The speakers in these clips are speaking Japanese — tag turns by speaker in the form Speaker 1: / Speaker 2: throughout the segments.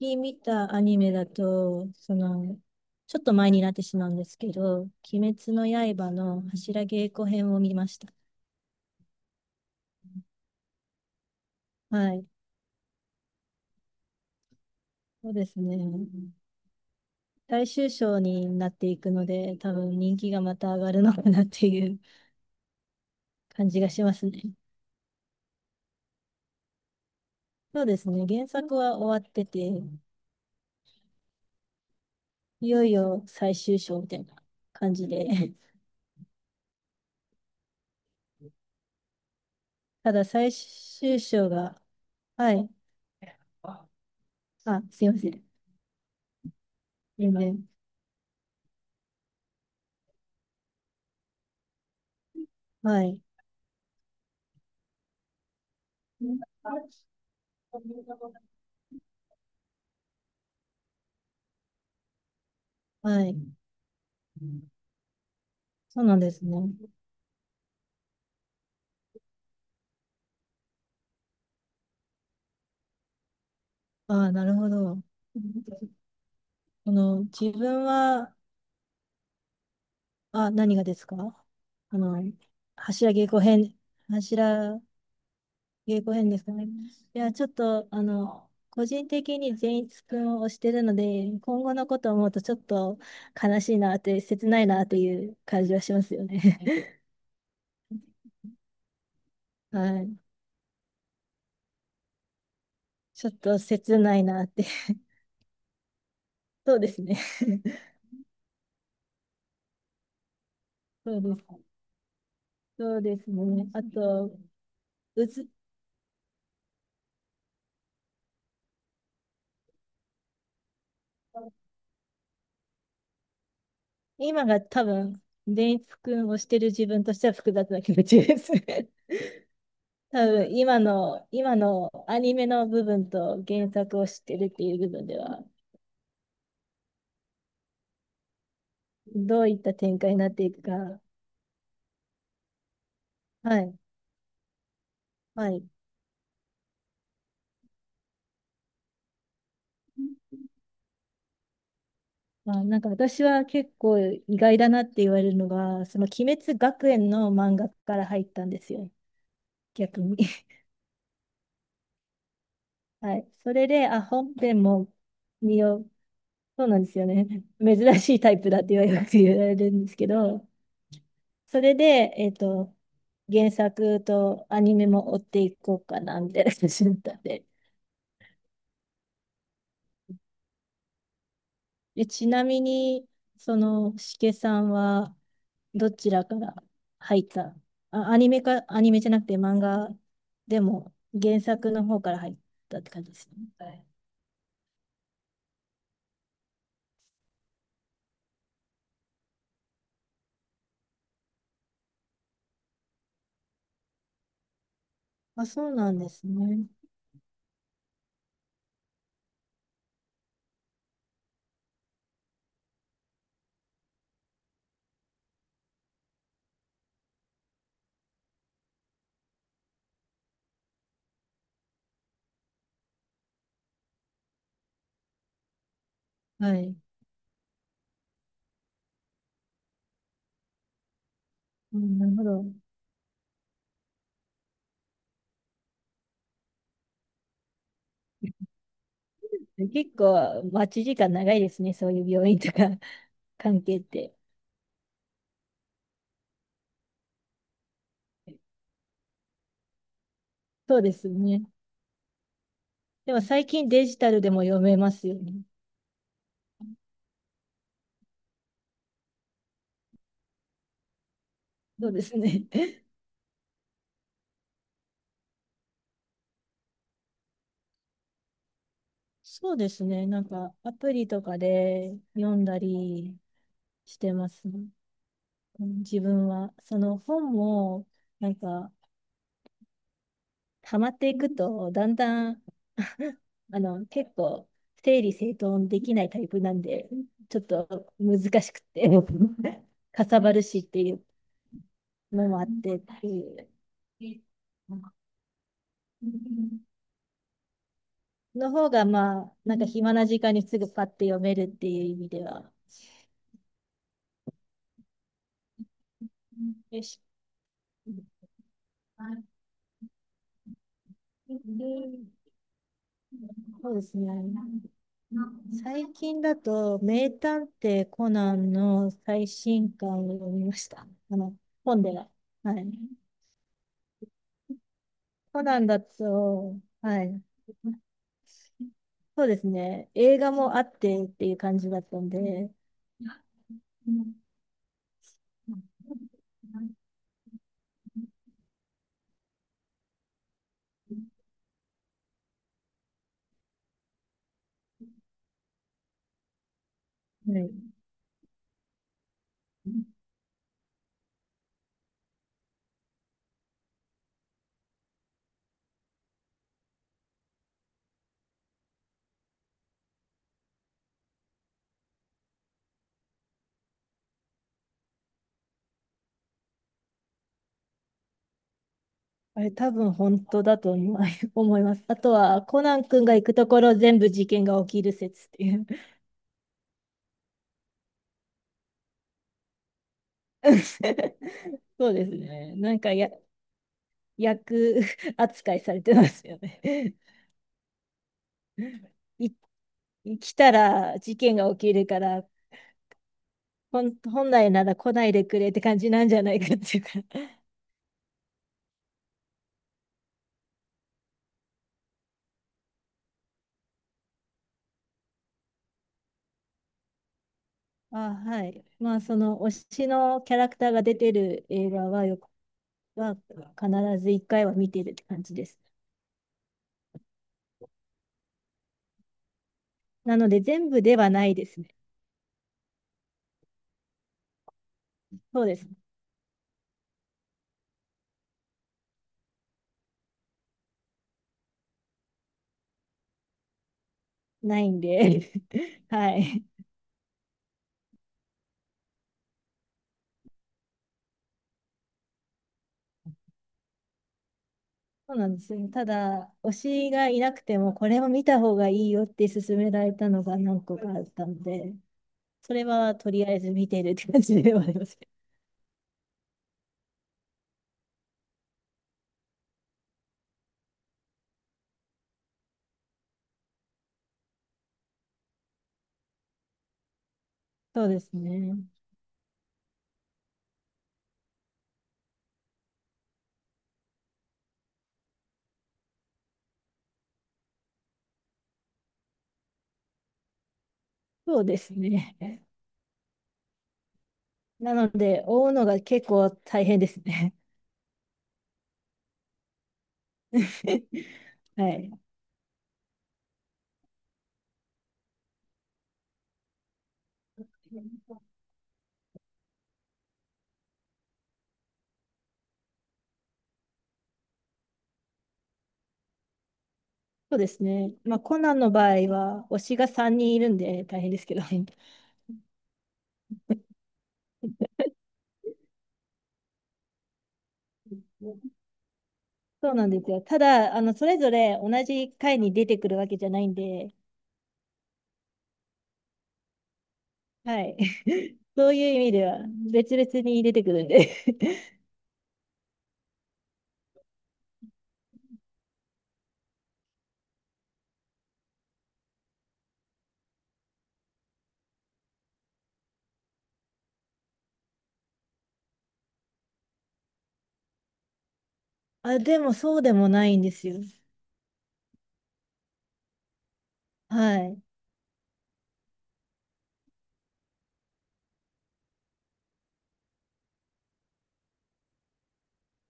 Speaker 1: 近見たアニメだと、ちょっと前になってしまうんですけど、鬼滅の刃の柱稽古編を見ました。はい。そうですね。大衆賞になっていくので、多分人気がまた上がるのかなっていう感じがしますね。そうですね。原作は終わってて、いよいよ最終章みたいな感じで。ただ最終章が、はい。あ、すいません。全然。はい。はい。そうなんですね。ああ、なるほど。自分は、あ、何がですか？あの、柱稽古編、柱稽古編ですかね。いや、ちょっと、個人的に善逸くんを推してるので、今後のことを思うとちょっと悲しいなって、切ないなっていう感じはしますよね。はい。ちょっと切ないなって。そうですね。そうです。そうですね。あと、うず、今が多分、デイツ君をしてる自分としては複雑な気持ちです。多分、今のアニメの部分と原作を知ってるっていう部分では、どういった展開になっていくか。はい。はい。まあ、なんか私は結構意外だなって言われるのが、その鬼滅学園の漫画から入ったんですよ。逆に。はい。それで、あ、本編も見よう。そうなんですよね。珍しいタイプだって言われるんですけど、それで、原作とアニメも追っていこうかな、みたいな感じだったんで。でちなみに、その、しけさんは、どちらから入った？あ、アニメか、アニメじゃなくて漫画でも、原作の方から入ったって感じですね。はい。あ、そうなんですね。はい。うん、なるほど。結構、待ち時間長いですね。そういう病院とか 関係って。そうですね。でも最近デジタルでも読めますよね。そうですね。そうですね。なんか、アプリとかで読んだりしてますね。うん自分は。その本も、なんか、ハマっていくと、だんだん、結構、整理整頓できないタイプなんで、ちょっと難しくて、かさばるしっていうのもあってっていうの方が、まあ、なんか暇な時間にすぐパッて読めるっていう意味では、よしそうですね。最近だと、名探偵コナンの最新刊を読みました。あの、本では。はい。コナンだと、はい。そうですね。映画もあってっていう感じだったんで、はい。あれ多分本当だと思い 思います。あとは、コナン君が行くところ全部事件が起きる説っていう。そうですね。なんかや、役扱いされてますよね。一来たら事件が起きるから、本来なら来ないでくれって感じなんじゃないかっていうか あ、はい。まあ、その推しのキャラクターが出てる映画はよく、は必ず一回は見てるって感じです。なので、全部ではないですね。そうです。ないんで はい。そうなんですよね。ただ、推しがいなくても、これを見た方がいいよって勧められたのが何個かあったので、それはとりあえず見てるって感じではありますけど。そうですね。そうですね。なので、追うのが結構大変ですね。はい。そうですね。まあ、コナンの場合は、推しが3人いるんで大変ですけど。そうなんですよ。ただ、あの、それぞれ同じ回に出てくるわけじゃないんで、はい。そういう意味では、別々に出てくるんで。あ、でもそうでもないんですよ。はい。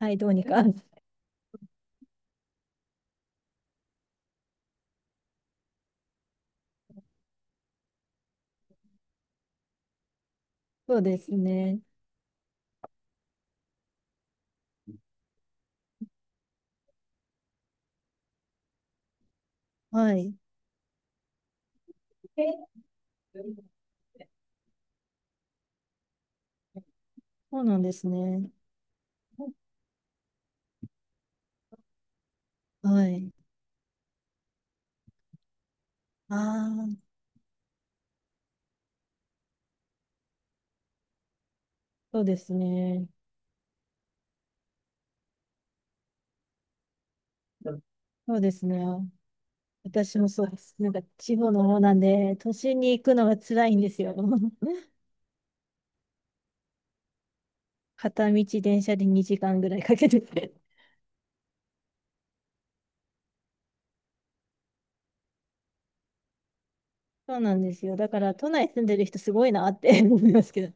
Speaker 1: はい、どうにか。そうですね。はい。そうなんですね。はい。ああ、そうですね。うんそうですね。私もそうです。なんか地方の方なんで、都心に行くのが辛いんですよ。片道電車で2時間ぐらいかけてて。そうなんですよ。だから都内住んでる人すごいなって 思いますけど。